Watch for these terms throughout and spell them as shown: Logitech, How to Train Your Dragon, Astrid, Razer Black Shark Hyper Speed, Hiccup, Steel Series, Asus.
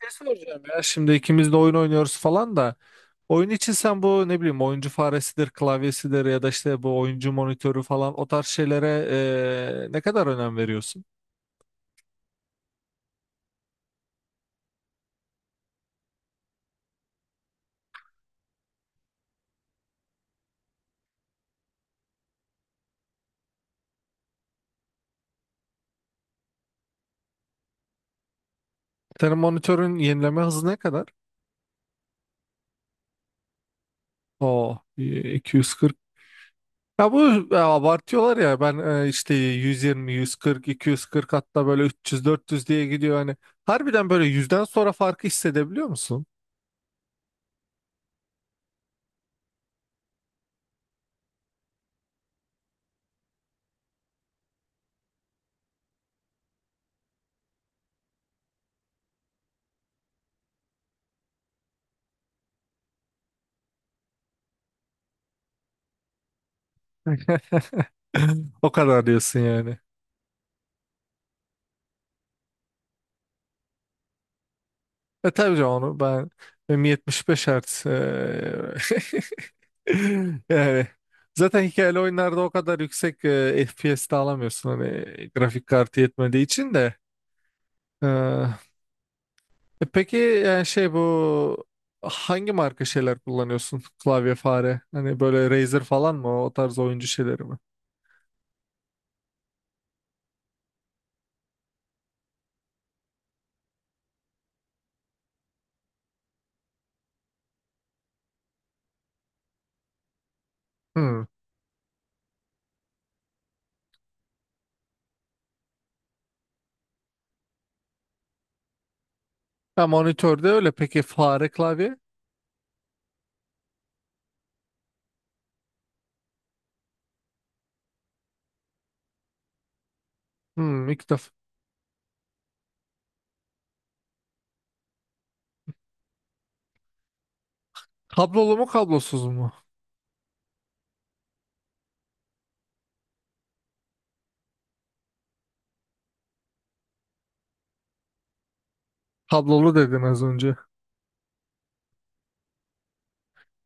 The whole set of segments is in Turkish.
Şey soracağım ya, şimdi ikimiz de oyun oynuyoruz falan da. Oyun için sen bu ne bileyim oyuncu faresidir, klavyesidir ya da işte bu oyuncu monitörü falan, o tarz şeylere ne kadar önem veriyorsun? Senin monitörün yenileme hızı ne kadar? O 240. Ya bu abartıyorlar ya, ben işte 120, 140, 240 hatta böyle 300, 400 diye gidiyor hani. Harbiden böyle yüzden sonra farkı hissedebiliyor musun? O kadar diyorsun yani. E tabii canım, onu ben benim 75 Hz yani zaten hikayeli oyunlarda o kadar yüksek FPS de alamıyorsun, hani grafik kartı yetmediği için de. Eee, peki yani şey, bu hangi marka şeyler kullanıyorsun? Klavye, fare. Hani böyle Razer falan mı? O tarz oyuncu şeyleri mi? Hmm. Ha, monitörde öyle. Peki fare, klavye? Hmm, ilk defa. Kablolu mu, kablosuz mu? Kablolu dedin az önce.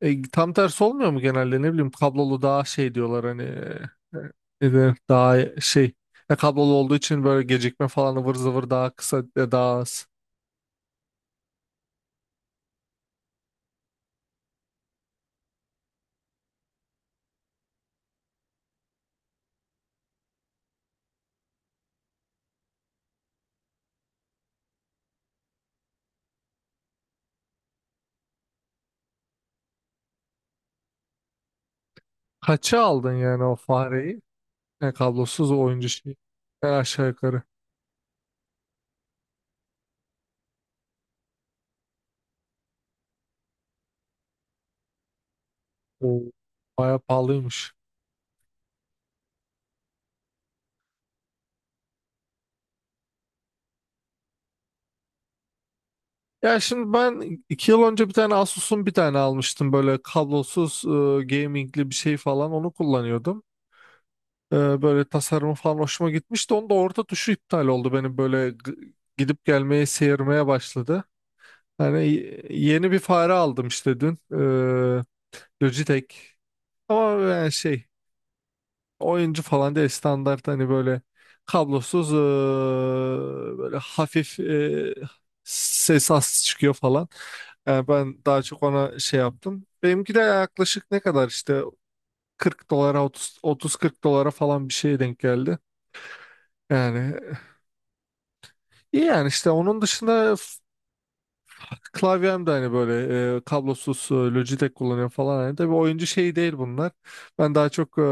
Tam tersi olmuyor mu genelde? Ne bileyim, kablolu daha şey diyorlar hani, e, ne denir? Daha şey, kablolu olduğu için böyle gecikme falan ıvır zıvır daha kısa, daha az. Kaça aldın yani o fareyi? Kablosuz oyuncu şey. Aşağı yukarı. O bayağı pahalıymış. Ya şimdi ben 2 yıl önce bir tane Asus'un bir tane almıştım böyle kablosuz, gamingli bir şey falan, onu kullanıyordum. Böyle tasarımı falan hoşuma gitmişti. Onda orta tuşu iptal oldu benim, böyle gidip gelmeye, seyirmeye başladı. Yani yeni bir fare aldım işte dün. Logitech. Ama yani şey, oyuncu falan değil, standart hani, böyle kablosuz böyle hafif, ses az çıkıyor falan. Yani ben daha çok ona şey yaptım. Benimki de yaklaşık ne kadar işte, 40 dolara, 30 30-40 dolara falan bir şeye denk geldi. Yani İyi yani, işte onun dışında klavyem de hani böyle kablosuz Logitech kullanıyorum falan. Hani tabii oyuncu şeyi değil bunlar. Ben daha çok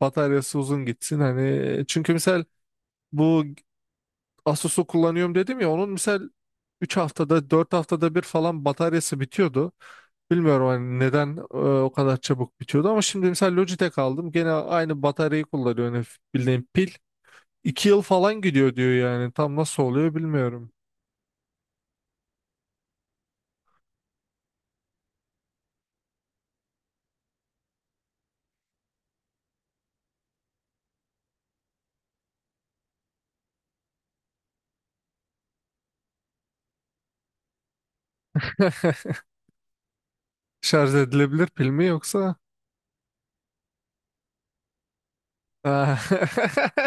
bataryası uzun gitsin hani. Çünkü misal bu Asus'u kullanıyorum dedim ya, onun misal 3 haftada 4 haftada bir falan bataryası bitiyordu. Bilmiyorum hani neden o kadar çabuk bitiyordu, ama şimdi mesela Logitech aldım. Gene aynı bataryayı kullanıyor hani, bildiğin pil. 2 yıl falan gidiyor diyor yani. Tam nasıl oluyor bilmiyorum. Şarj edilebilir pil mi yoksa? Ha.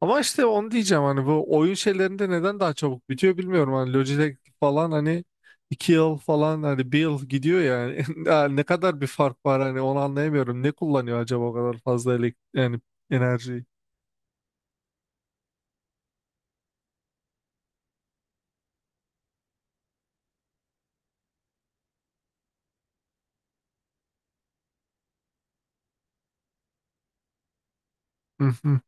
Ama işte onu diyeceğim, hani bu oyun şeylerinde neden daha çabuk bitiyor bilmiyorum. Hani Logitech falan hani, 2 yıl falan, hani bir yıl gidiyor yani. Ya ne kadar bir fark var hani, onu anlayamıyorum. Ne kullanıyor acaba o kadar fazla elek, yani enerjiyi? Hı hı.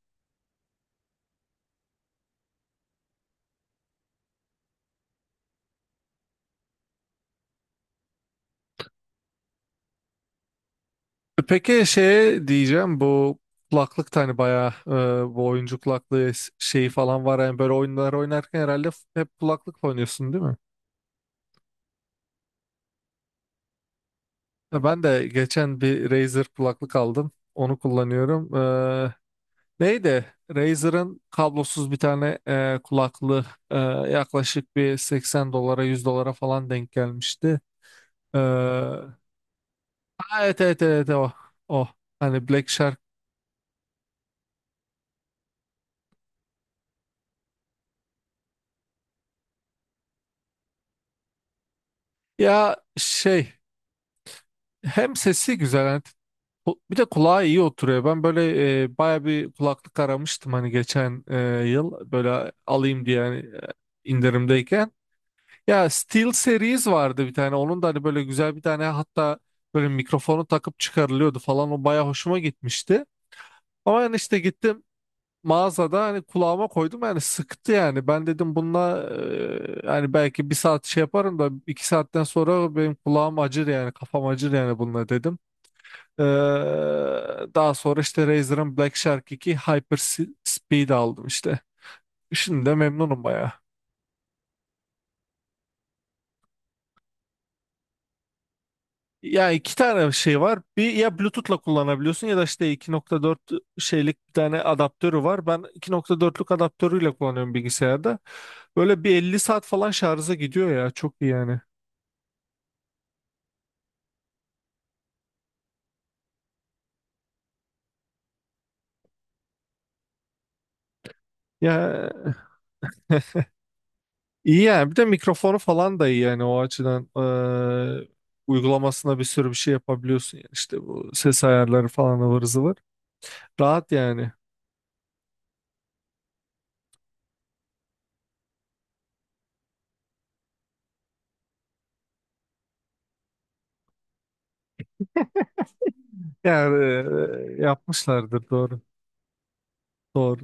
Peki, şeye diyeceğim, bu kulaklık da hani bayağı bu oyuncu kulaklığı şeyi falan var yani, böyle oyunlar oynarken herhalde hep kulaklıkla oynuyorsun değil mi? Ya ben de geçen bir Razer kulaklık aldım. Onu kullanıyorum. Neydi? Razer'ın kablosuz bir tane kulaklığı, e, yaklaşık bir 80 dolara, 100 dolara falan denk gelmişti. Ha, evet evet evet, o. O. Hani Black Shark. Ya şey, hem sesi güzel hani, bir de kulağa iyi oturuyor. Ben böyle baya bir kulaklık aramıştım hani, geçen yıl böyle alayım diye hani, indirimdeyken. Ya Steel Series vardı bir tane. Onun da hani böyle güzel bir tane, hatta böyle mikrofonu takıp çıkarılıyordu falan. O baya hoşuma gitmişti. Ama yani işte gittim mağazada, hani kulağıma koydum, yani sıktı yani. Ben dedim bununla hani belki bir saat şey yaparım da, 2 saatten sonra benim kulağım acır yani, kafam acır yani bununla dedim. Eee, Daha sonra işte Razer'ın Black Shark iki Hyper Speed aldım işte. Şimdi de memnunum baya. Ya iki tane şey var. Bir ya Bluetooth'la kullanabiliyorsun, ya da işte 2.4 şeylik bir tane adaptörü var. Ben 2.4'lük adaptörüyle kullanıyorum bilgisayarda. Böyle bir 50 saat falan şarja gidiyor ya. Çok iyi yani. Ya iyi yani. Bir de mikrofonu falan da iyi yani o açıdan. Ee, Uygulamasına bir sürü bir şey yapabiliyorsun yani. İşte bu ses ayarları falan ıvır zıvır. Rahat yani. Yani yapmışlardır doğru. Doğru.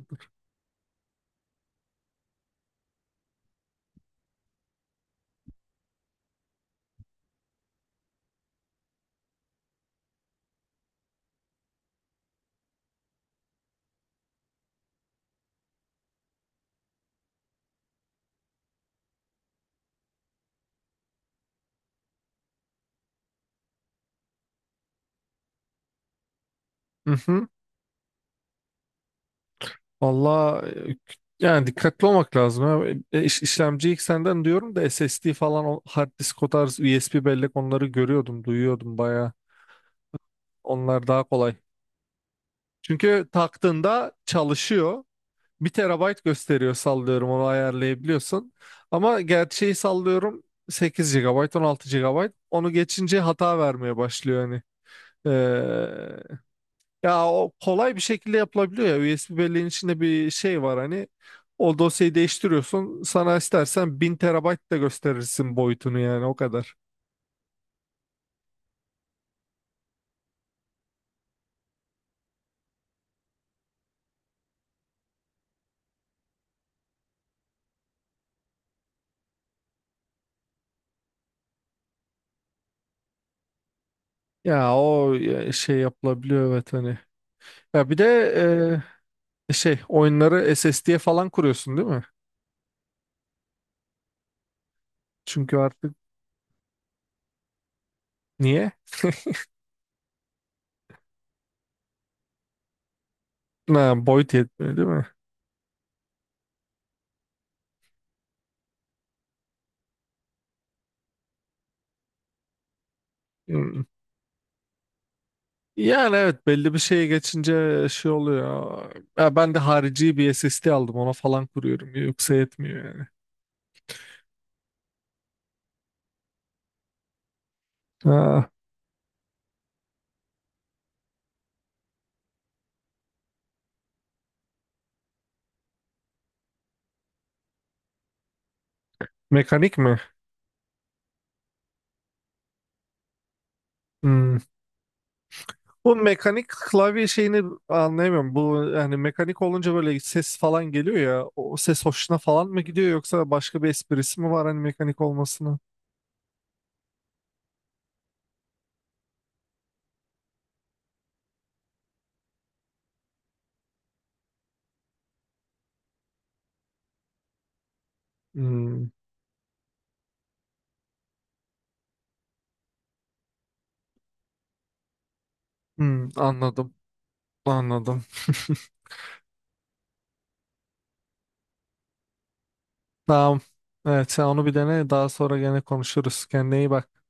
Valla yani dikkatli olmak lazım, ha. İşlemci ilk senden diyorum da, SSD falan, o hard disk, o tarz USB bellek, onları görüyordum, duyuyordum baya. Onlar daha kolay. Çünkü taktığında çalışıyor. Bir terabayt gösteriyor sallıyorum, onu ayarlayabiliyorsun. Ama gerçeği sallıyorum 8 gigabayt, 16 gigabayt, onu geçince hata vermeye başlıyor hani. Ya o kolay bir şekilde yapılabiliyor ya. USB belleğin içinde bir şey var hani. O dosyayı değiştiriyorsun. Sana istersen 1000 terabayt da gösterirsin boyutunu, yani o kadar. Ya o, ya şey yapılabiliyor, evet hani. Ya bir de şey, oyunları SSD'ye falan kuruyorsun değil mi? Çünkü artık niye? Ha, boyut yetmiyor değil mi? Hmm. Yani evet, belli bir şeye geçince şey oluyor. Ya ben de harici bir SSD aldım, ona falan kuruyorum. Yoksa yetmiyor yani. Ha, mekanik mi? Hmm. Bu mekanik klavye şeyini anlayamıyorum. Bu yani mekanik olunca böyle ses falan geliyor ya. O ses hoşuna falan mı gidiyor, yoksa başka bir esprisi mi var hani mekanik olmasına? Hmm. Hmm, anladım. Anladım. Tamam. Evet, sen onu bir dene, daha sonra gene konuşuruz. Kendine iyi bak.